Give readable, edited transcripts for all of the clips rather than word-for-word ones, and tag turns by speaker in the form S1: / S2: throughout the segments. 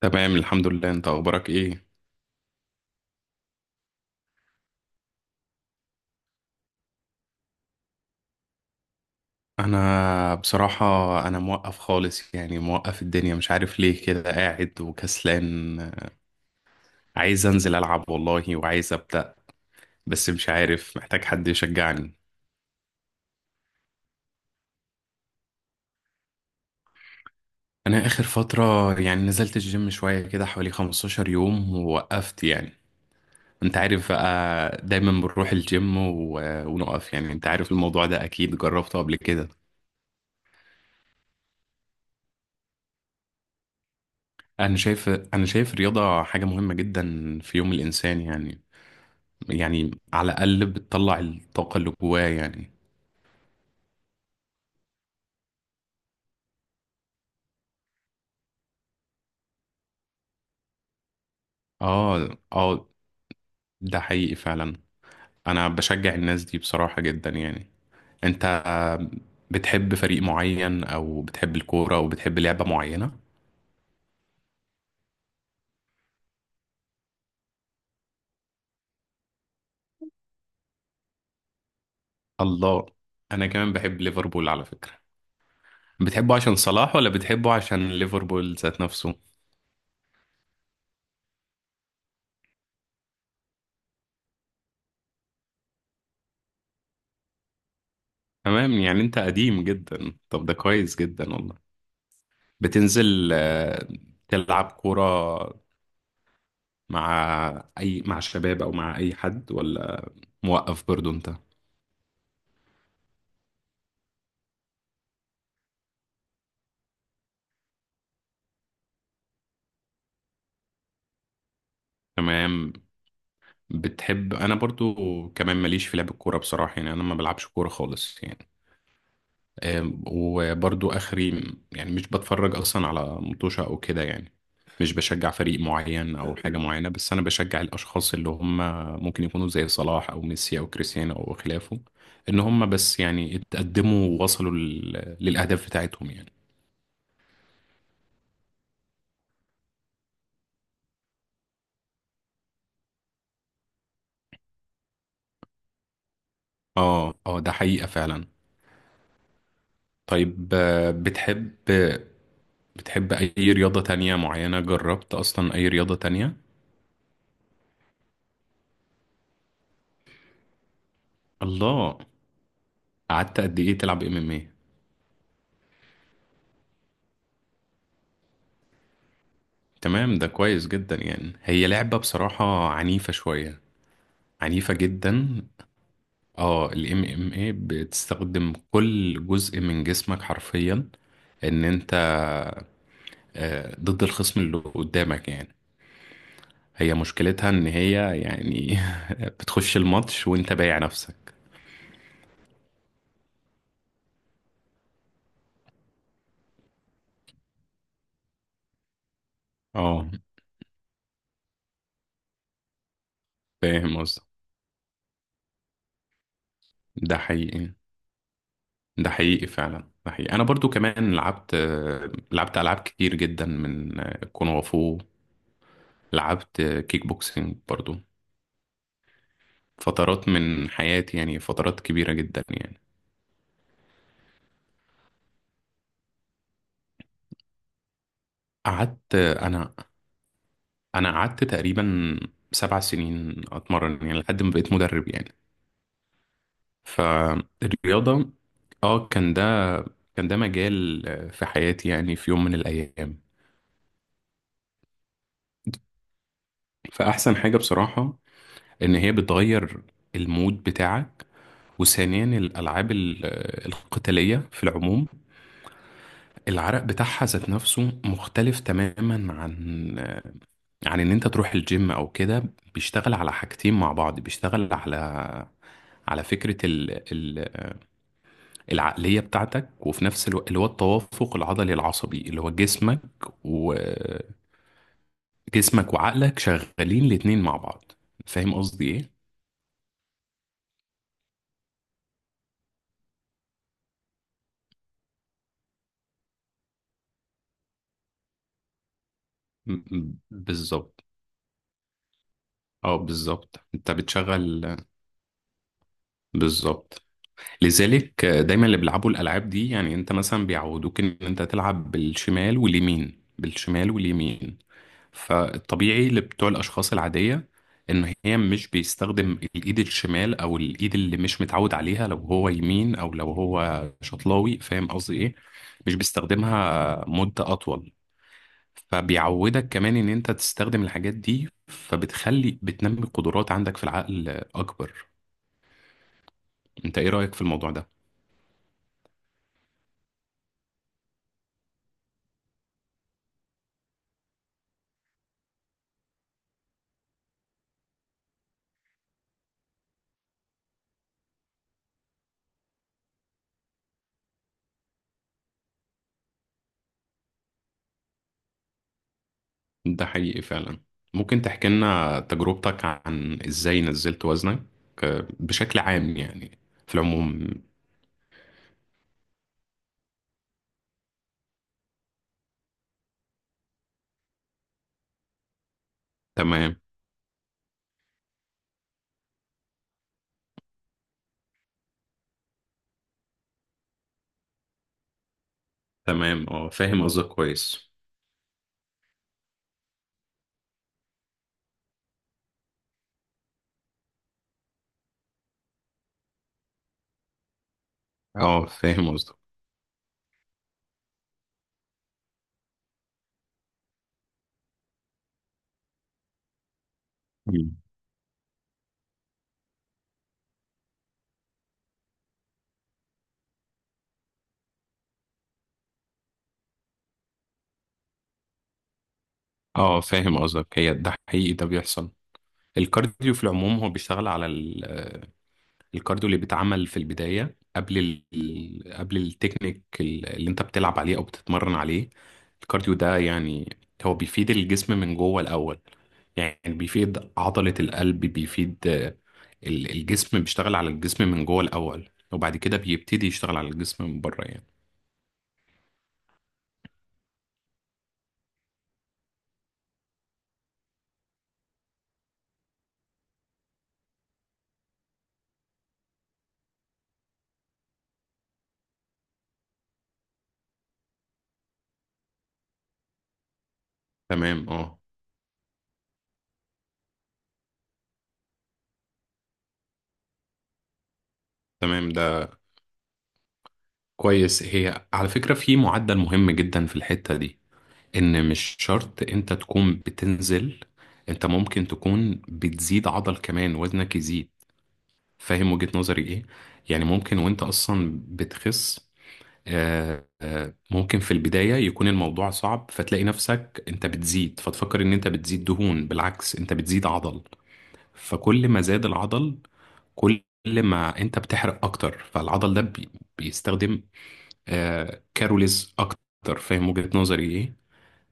S1: تمام، الحمد لله. انت اخبارك ايه؟ انا بصراحة، انا موقف خالص يعني، موقف الدنيا مش عارف ليه كده قاعد وكسلان. عايز انزل العب والله، وعايز ابدأ، بس مش عارف، محتاج حد يشجعني. انا اخر فترة يعني نزلت الجيم شوية كده حوالي 15 يوم ووقفت يعني. انت عارف بقى، دايما بنروح الجيم ونقف يعني. انت عارف الموضوع ده اكيد جربته قبل كده. انا شايف الرياضة حاجة مهمة جدا في يوم الانسان يعني. يعني على الأقل بتطلع الطاقة اللي جواه يعني. اه، اه، ده حقيقي فعلا. أنا بشجع الناس دي بصراحة جدا يعني. أنت، بتحب فريق معين أو بتحب الكورة أو بتحب لعبة معينة؟ الله. أنا كمان بحب ليفربول على فكرة. بتحبه عشان صلاح ولا بتحبه عشان ليفربول ذات نفسه؟ تمام، يعني أنت قديم جدا. طب ده كويس جدا والله. بتنزل تلعب كورة مع مع الشباب أو مع أي حد، ولا موقف برضو انت؟ تمام. انا برضو كمان ماليش في لعب الكوره بصراحه، يعني انا ما بلعبش كوره خالص يعني. وبرضو اخري يعني مش بتفرج اصلا على مطوشه او كده يعني، مش بشجع فريق معين او حاجه معينه. بس انا بشجع الاشخاص اللي هم ممكن يكونوا زي صلاح او ميسي او كريستيانو او خلافه، ان هم بس يعني اتقدموا ووصلوا للاهداف بتاعتهم يعني. اه، اه، ده حقيقه فعلا. طيب، بتحب أي رياضة تانية معينة؟ جربت أصلا أي رياضة تانية؟ الله. قعدت قد إيه تلعب ام ام ايه؟ تمام، ده كويس جدا يعني. هي لعبة بصراحة عنيفة شوية. عنيفة جدا. اه، الام ام ايه بتستخدم كل جزء من جسمك حرفيا، ان انت ضد الخصم اللي قدامك يعني. هي مشكلتها ان هي يعني بتخش الماتش وانت بايع نفسك. اه، فاهم قصدك. ده حقيقي، ده حقيقي فعلا. ده حقيقي، انا برضو كمان لعبت العاب كتير جدا، من كونغ فو، لعبت كيك بوكسينج برضو، فترات من حياتي يعني فترات كبيرة جدا يعني. قعدت انا انا قعدت تقريبا 7 سنين اتمرن يعني لحد ما بقيت مدرب يعني. فالرياضة، اه، كان ده مجال في حياتي يعني، في يوم من الايام. فاحسن حاجة بصراحة ان هي بتغير المود بتاعك. وثانيا الألعاب القتالية في العموم، العرق بتاعها ذات نفسه مختلف تماما عن إن أنت تروح الجيم أو كده. بيشتغل على حاجتين مع بعض، بيشتغل على فكرة العقلية بتاعتك، وفي نفس الوقت اللي هو التوافق العضلي العصبي، اللي هو جسمك وجسمك وعقلك شغالين الاتنين مع بعض. فاهم قصدي ايه؟ بالظبط. اه، بالظبط، انت بتشغل. بالظبط. لذلك دايما اللي بيلعبوا الالعاب دي يعني، انت مثلا بيعودوك ان انت تلعب بالشمال واليمين، بالشمال واليمين. فالطبيعي لبتوع الاشخاص العاديه ان هي مش بيستخدم الايد الشمال، او الايد اللي مش متعود عليها لو هو يمين، او لو هو شطلاوي. فاهم قصدي ايه؟ مش بيستخدمها مده اطول. فبيعودك كمان ان انت تستخدم الحاجات دي، فبتخلي بتنمي قدرات عندك في العقل اكبر. انت ايه رايك في الموضوع ده؟ ده حقيقي فعلا. ممكن تحكي لنا تجربتك عن ازاي نزلت وزنك بشكل عام يعني، في العموم؟ تمام. تمام، اه، فاهم قصدك كويس. اه، فاهم قصدك. مم. اه، فاهم قصدك. هي ده حقيقي، ده بيحصل. الكارديو في العموم هو بيشتغل على الكارديو اللي بيتعمل في البداية قبل قبل التكنيك اللي انت بتلعب عليه او بتتمرن عليه. الكارديو ده يعني هو بيفيد الجسم من جوه الاول، يعني بيفيد عضلة القلب، بيفيد الجسم، بيشتغل على الجسم من جوه الأول، وبعد كده بيبتدي يشتغل على الجسم من بره يعني. تمام، اه. تمام، ده كويس. هي على فكرة في معدل مهم جدا في الحتة دي، إن مش شرط أنت تكون بتنزل. أنت ممكن تكون بتزيد عضل كمان، وزنك يزيد. فاهم وجهة نظري إيه؟ يعني ممكن وأنت أصلا بتخس. ممكن في البداية يكون الموضوع صعب، فتلاقي نفسك انت بتزيد، فتفكر ان انت بتزيد دهون، بالعكس انت بتزيد عضل. فكل ما زاد العضل، كل ما انت بتحرق اكتر. فالعضل ده بيستخدم كاروليز اكتر. فاهم وجهة نظري ايه؟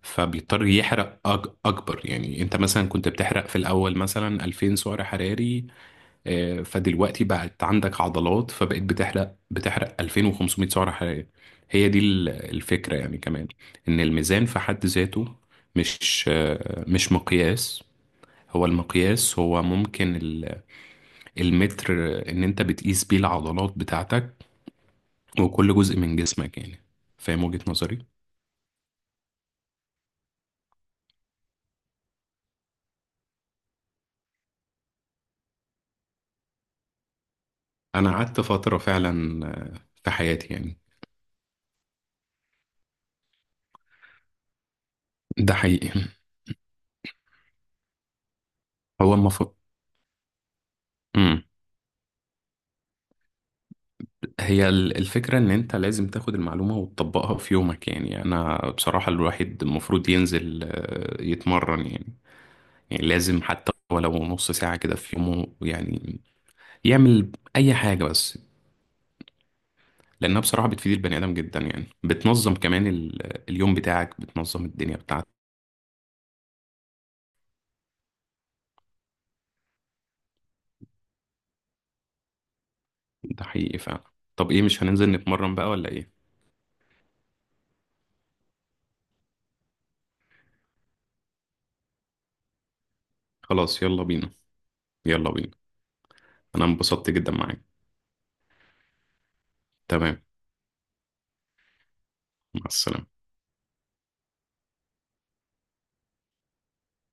S1: فبيضطر يحرق اكبر. يعني انت مثلا كنت بتحرق في الاول مثلا 2000 سعر حراري، فدلوقتي بقت عندك عضلات فبقت بتحرق 2500 سعرة حرارية. هي دي الفكرة يعني كمان، ان الميزان في حد ذاته مش مقياس. هو المقياس هو ممكن المتر ان انت بتقيس بيه العضلات بتاعتك وكل جزء من جسمك يعني. فاهم وجهة نظري؟ انا قعدت فترة فعلا في حياتي يعني. ده حقيقي. هو المفروض. هي الفكرة إن أنت لازم تاخد المعلومة وتطبقها في يومك يعني. أنا بصراحة الواحد المفروض ينزل يتمرن يعني. يعني لازم حتى ولو نص ساعة كده في يومه يعني، يعمل أي حاجة بس. لأنها بصراحة بتفيد البني آدم جدا، يعني بتنظم كمان اليوم بتاعك، بتنظم الدنيا بتاعتك. ده حقيقي فعلا. طب إيه، مش هننزل نتمرن بقى ولا إيه؟ خلاص، يلا بينا. يلا بينا. أنا انبسطت جدا معاك. تمام. مع السلامة.